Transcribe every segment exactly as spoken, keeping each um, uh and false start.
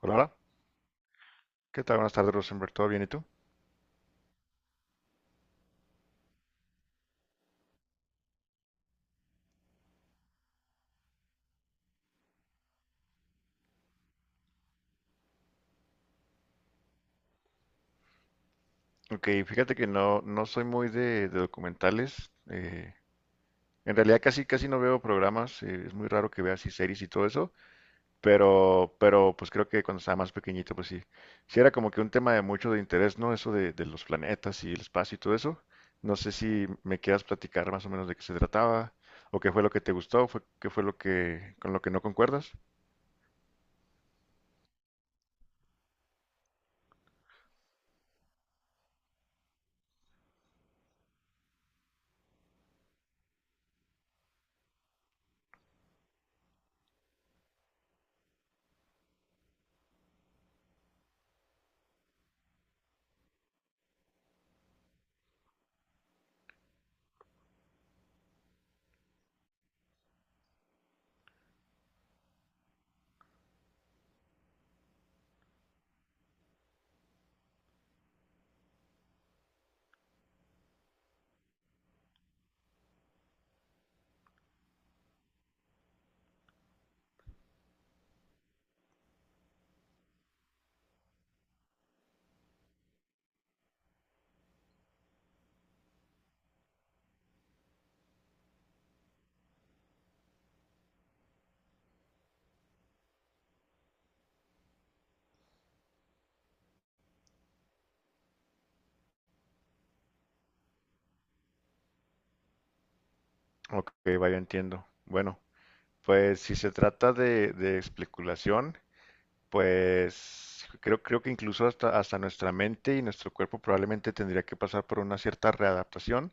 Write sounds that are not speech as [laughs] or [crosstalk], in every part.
Hola, hola. ¿Qué tal? Buenas tardes, Rosenberg. ¿Todo bien y tú? Ok, fíjate que no, no soy muy de, de documentales. Eh, en realidad casi, casi no veo programas. Eh, es muy raro que vea así series y todo eso. Pero, pero pues creo que cuando estaba más pequeñito, pues sí. Sí era como que un tema de mucho de interés, ¿no? Eso de, de los planetas y el espacio y todo eso. No sé si me quieras platicar más o menos de qué se trataba, o qué fue lo que te gustó, fue, qué fue lo que, con lo que no concuerdas. Ok, vaya, entiendo. Bueno. Pues si se trata de, de especulación, pues creo, creo que incluso hasta, hasta nuestra mente y nuestro cuerpo probablemente tendría que pasar por una cierta readaptación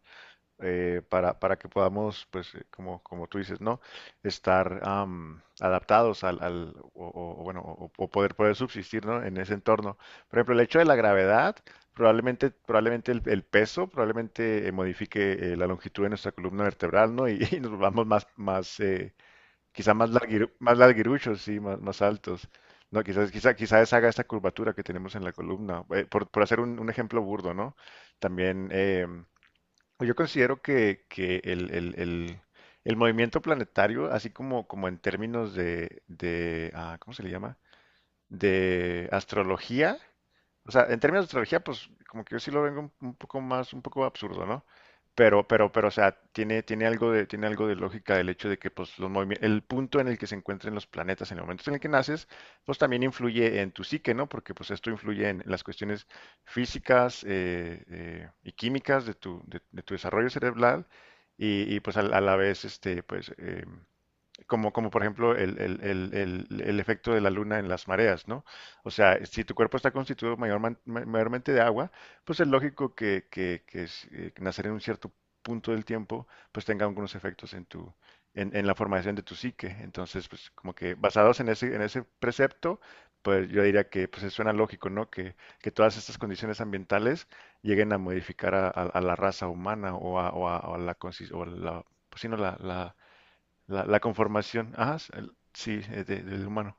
eh, para, para que podamos, pues eh, como, como tú dices, ¿no? Estar am, adaptados al, al- o, o- o bueno, o, o poder, poder subsistir, ¿no? En ese entorno. Por ejemplo, el hecho de la gravedad, probablemente, probablemente el, el peso, probablemente eh, modifique eh, la longitud de nuestra columna vertebral, ¿no? Y [laughs] y nos volvamos más, más, eh, quizá más larguiru- más larguiruchos, sí, más, más altos. No, quizás, quizá, quizás haga esta curvatura que tenemos en la columna. eh, por, por hacer un, un ejemplo burdo, ¿no? También eh, yo considero que, que el, el- el- el movimiento planetario, así como, como en términos de, de, ah, ¿cómo se le llama? De astrología, o sea, en términos de estrategia, pues como que yo sí lo vengo un, un poco más, un poco absurdo, ¿no? Pero, pero, pero, o sea, tiene, tiene algo de, tiene algo de lógica el hecho de que, pues, los movimi- el punto en el que se encuentren los planetas en el momento en el que naces, pues también influye en tu psique, ¿no? Porque, pues, esto influye en las cuestiones físicas eh, eh, y químicas de tu, de, de tu desarrollo cerebral y, y, pues, a, a la vez, este, pues, eh, como, como por ejemplo el, el- el- el- el efecto de la luna en las mareas, ¿no? O sea, si tu cuerpo está constituido mayorman- ma- mayormente de agua, pues es lógico que, que, que s- eh, que nacer en un cierto punto del tiempo, pues tenga algunos efectos en tu, en, en la formación de tu psique. Entonces, pues como que basados en ese, en ese precepto, pues yo diría que pues suena lógico, ¿no? Que, que todas estas condiciones ambientales lleguen a modificar a, a- a la raza humana o a, o a- o a la, consis- o la, pues, sí, no, la la- la, la conformación, ajá, s- el- sí, eh, de- del humano.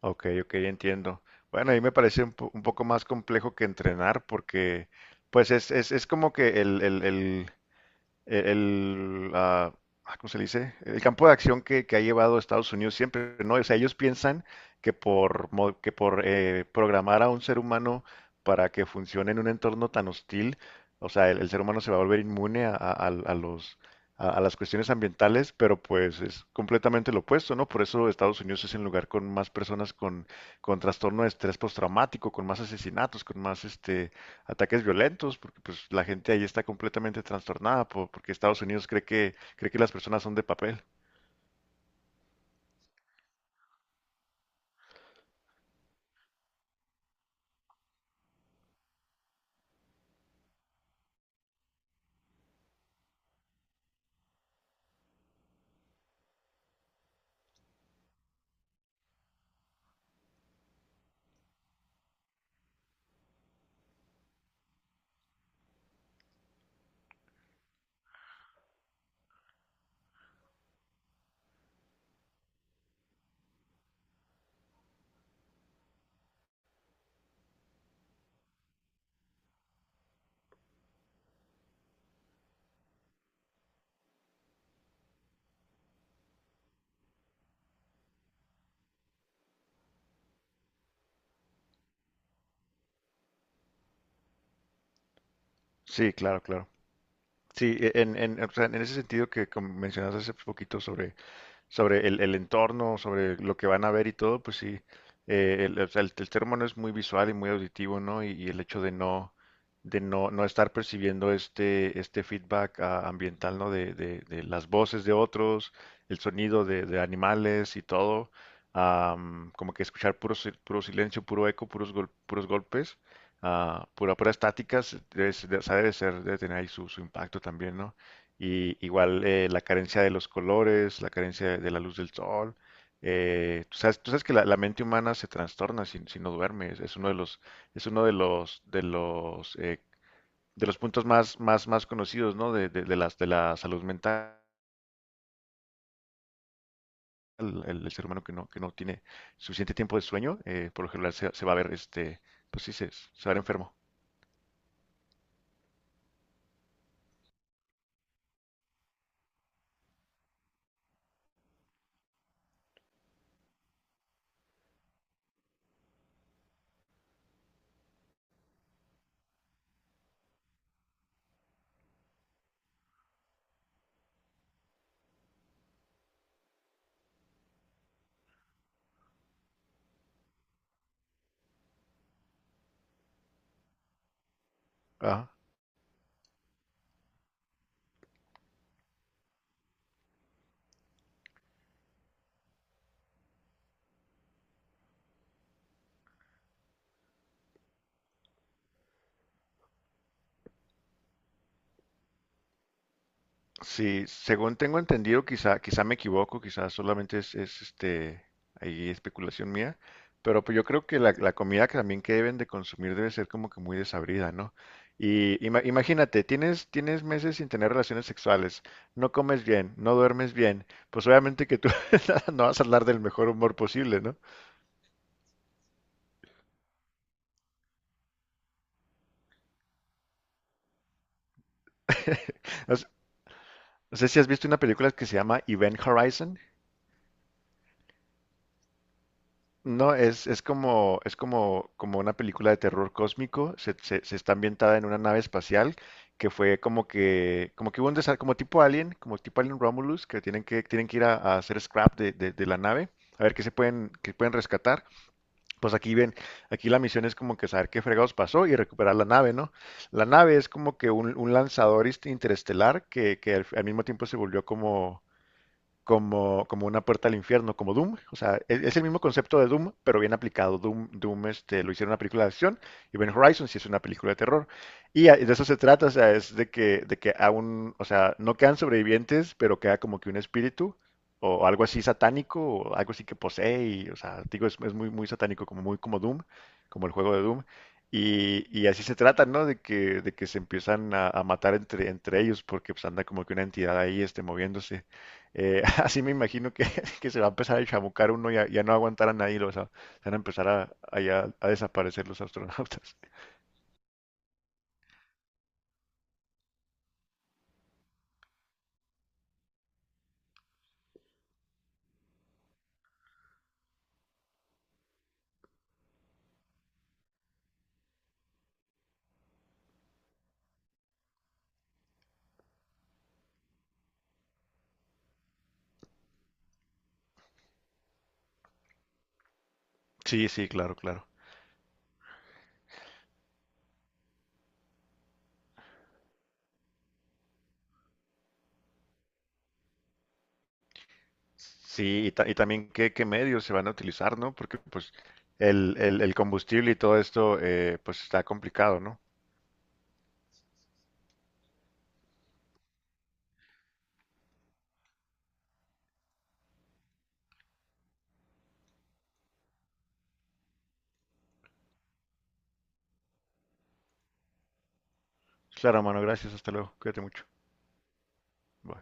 Ok, ok, entiendo. Bueno, ahí me parece un, po- un poco más complejo que entrenar porque, pues, es, es, es como que el, el, el- el, el, ah, ah, ¿cómo se le dice? El campo de acción que, que ha llevado Estados Unidos siempre, ¿no? O sea, ellos piensan que por, mo- que por eh, programar a un ser humano para que funcione en un entorno tan hostil, o sea, el, el ser humano se va a volver inmune a, a- a- a los, a, a las cuestiones ambientales, pero pues es completamente lo opuesto, ¿no? Por eso Estados Unidos es el lugar con más personas con, con trastorno de estrés postraumático, con más asesinatos, con más este, ataques violentos, porque pues la gente ahí está completamente trastornada po- porque Estados Unidos cree que cree que las personas son de papel. Sí, claro, claro. Sí, e- en, en, o sea, en ese sentido que com- mencionaste hace poquito sobre sobre el, el entorno, sobre lo que van a ver y todo, pues sí, eh, el, o sea, el- el ser humano es muy visual y muy auditivo, ¿no? Y, y el hecho de no, de no, no estar percibiendo este, este feedback ah, ambiental, ¿no? De, de- de las voces de otros, el sonido de, de animales y todo, am, como que escuchar puro, si- puro silencio, puro eco, puros, gol- puros golpes, ah, pura, pura estáticas, debe, ser- o sea, debe ser, debe tener ahí su, su impacto también, ¿no? Y igual eh, la carencia de los colores, la carencia de, de la luz del sol. Eh, tú sabes, tú sabes que la, la mente humana se trastorna si, si no duerme. Es, es uno de los, es uno de los, de los, eh, de los puntos más, más, más conocidos, ¿no? De, de- de las, de la salud mental. El, el ser humano que no, que no tiene suficiente tiempo de sueño, eh, por lo general se, se va a ver, este, pues sí, se, se va a ver enfermo. Ajá. Sí, según tengo entendido, quizá, quizá me equivoco, quizá solamente es, es, este, ahí especulación mía, pero pues yo creo que la, la comida que también que deben de consumir debe ser como que muy desabrida, ¿no? Y ima- imagínate, tienes, tienes meses sin tener relaciones sexuales, no comes bien, no duermes bien, pues obviamente que tú [laughs] no vas a hablar del mejor humor posible, ¿no? No sé si has visto una película que se llama Event Horizon. No, es, es como, es como, como una película de terror cósmico. Se, se- se está ambientada en una nave espacial que fue como que, como que hubo un desa- como tipo Alien, como tipo Alien Romulus, que tienen que, tienen que ir a, a hacer scrap de, de- de la nave, a ver qué se pueden, qué pueden rescatar. Pues aquí ven, aquí la misión es como que saber qué fregados pasó y recuperar la nave, ¿no? La nave es como que un, un lanzador inst- interestelar que, que al, al mismo tiempo se volvió como como, como una puerta al infierno, como Doom. O sea, es, es el mismo concepto de Doom, pero bien aplicado. Doom, Doom este, lo hicieron una película de acción y Ben Horizon sí es una película de terror. Y a- de eso se trata, o sea, es de que, de que aún, o sea, no quedan sobrevivientes, pero queda como que un espíritu o algo así satánico o algo así que posee. Y, o sea, digo, es, es muy, muy satánico, como muy como Doom, como el juego de Doom. Y, y así se trata, ¿no? De que, de que se empiezan a, a matar entre, entre ellos porque pues anda como que una entidad ahí este, moviéndose. Eh, [laughs] así me imagino que, [laughs] que se va a empezar a chamucar uno y a- ya no aguantarán ahí, los, a- van a empezar a, a ya a desaparecer los astronautas. [laughs] Sí, sí, claro, claro. Sí, y, ta- y también qué, qué medios se van a utilizar, ¿no? Porque pues el, el, el combustible y todo esto eh, pues está complicado, ¿no? Claro, mano, gracias, hasta luego, cuídate mucho. Bye.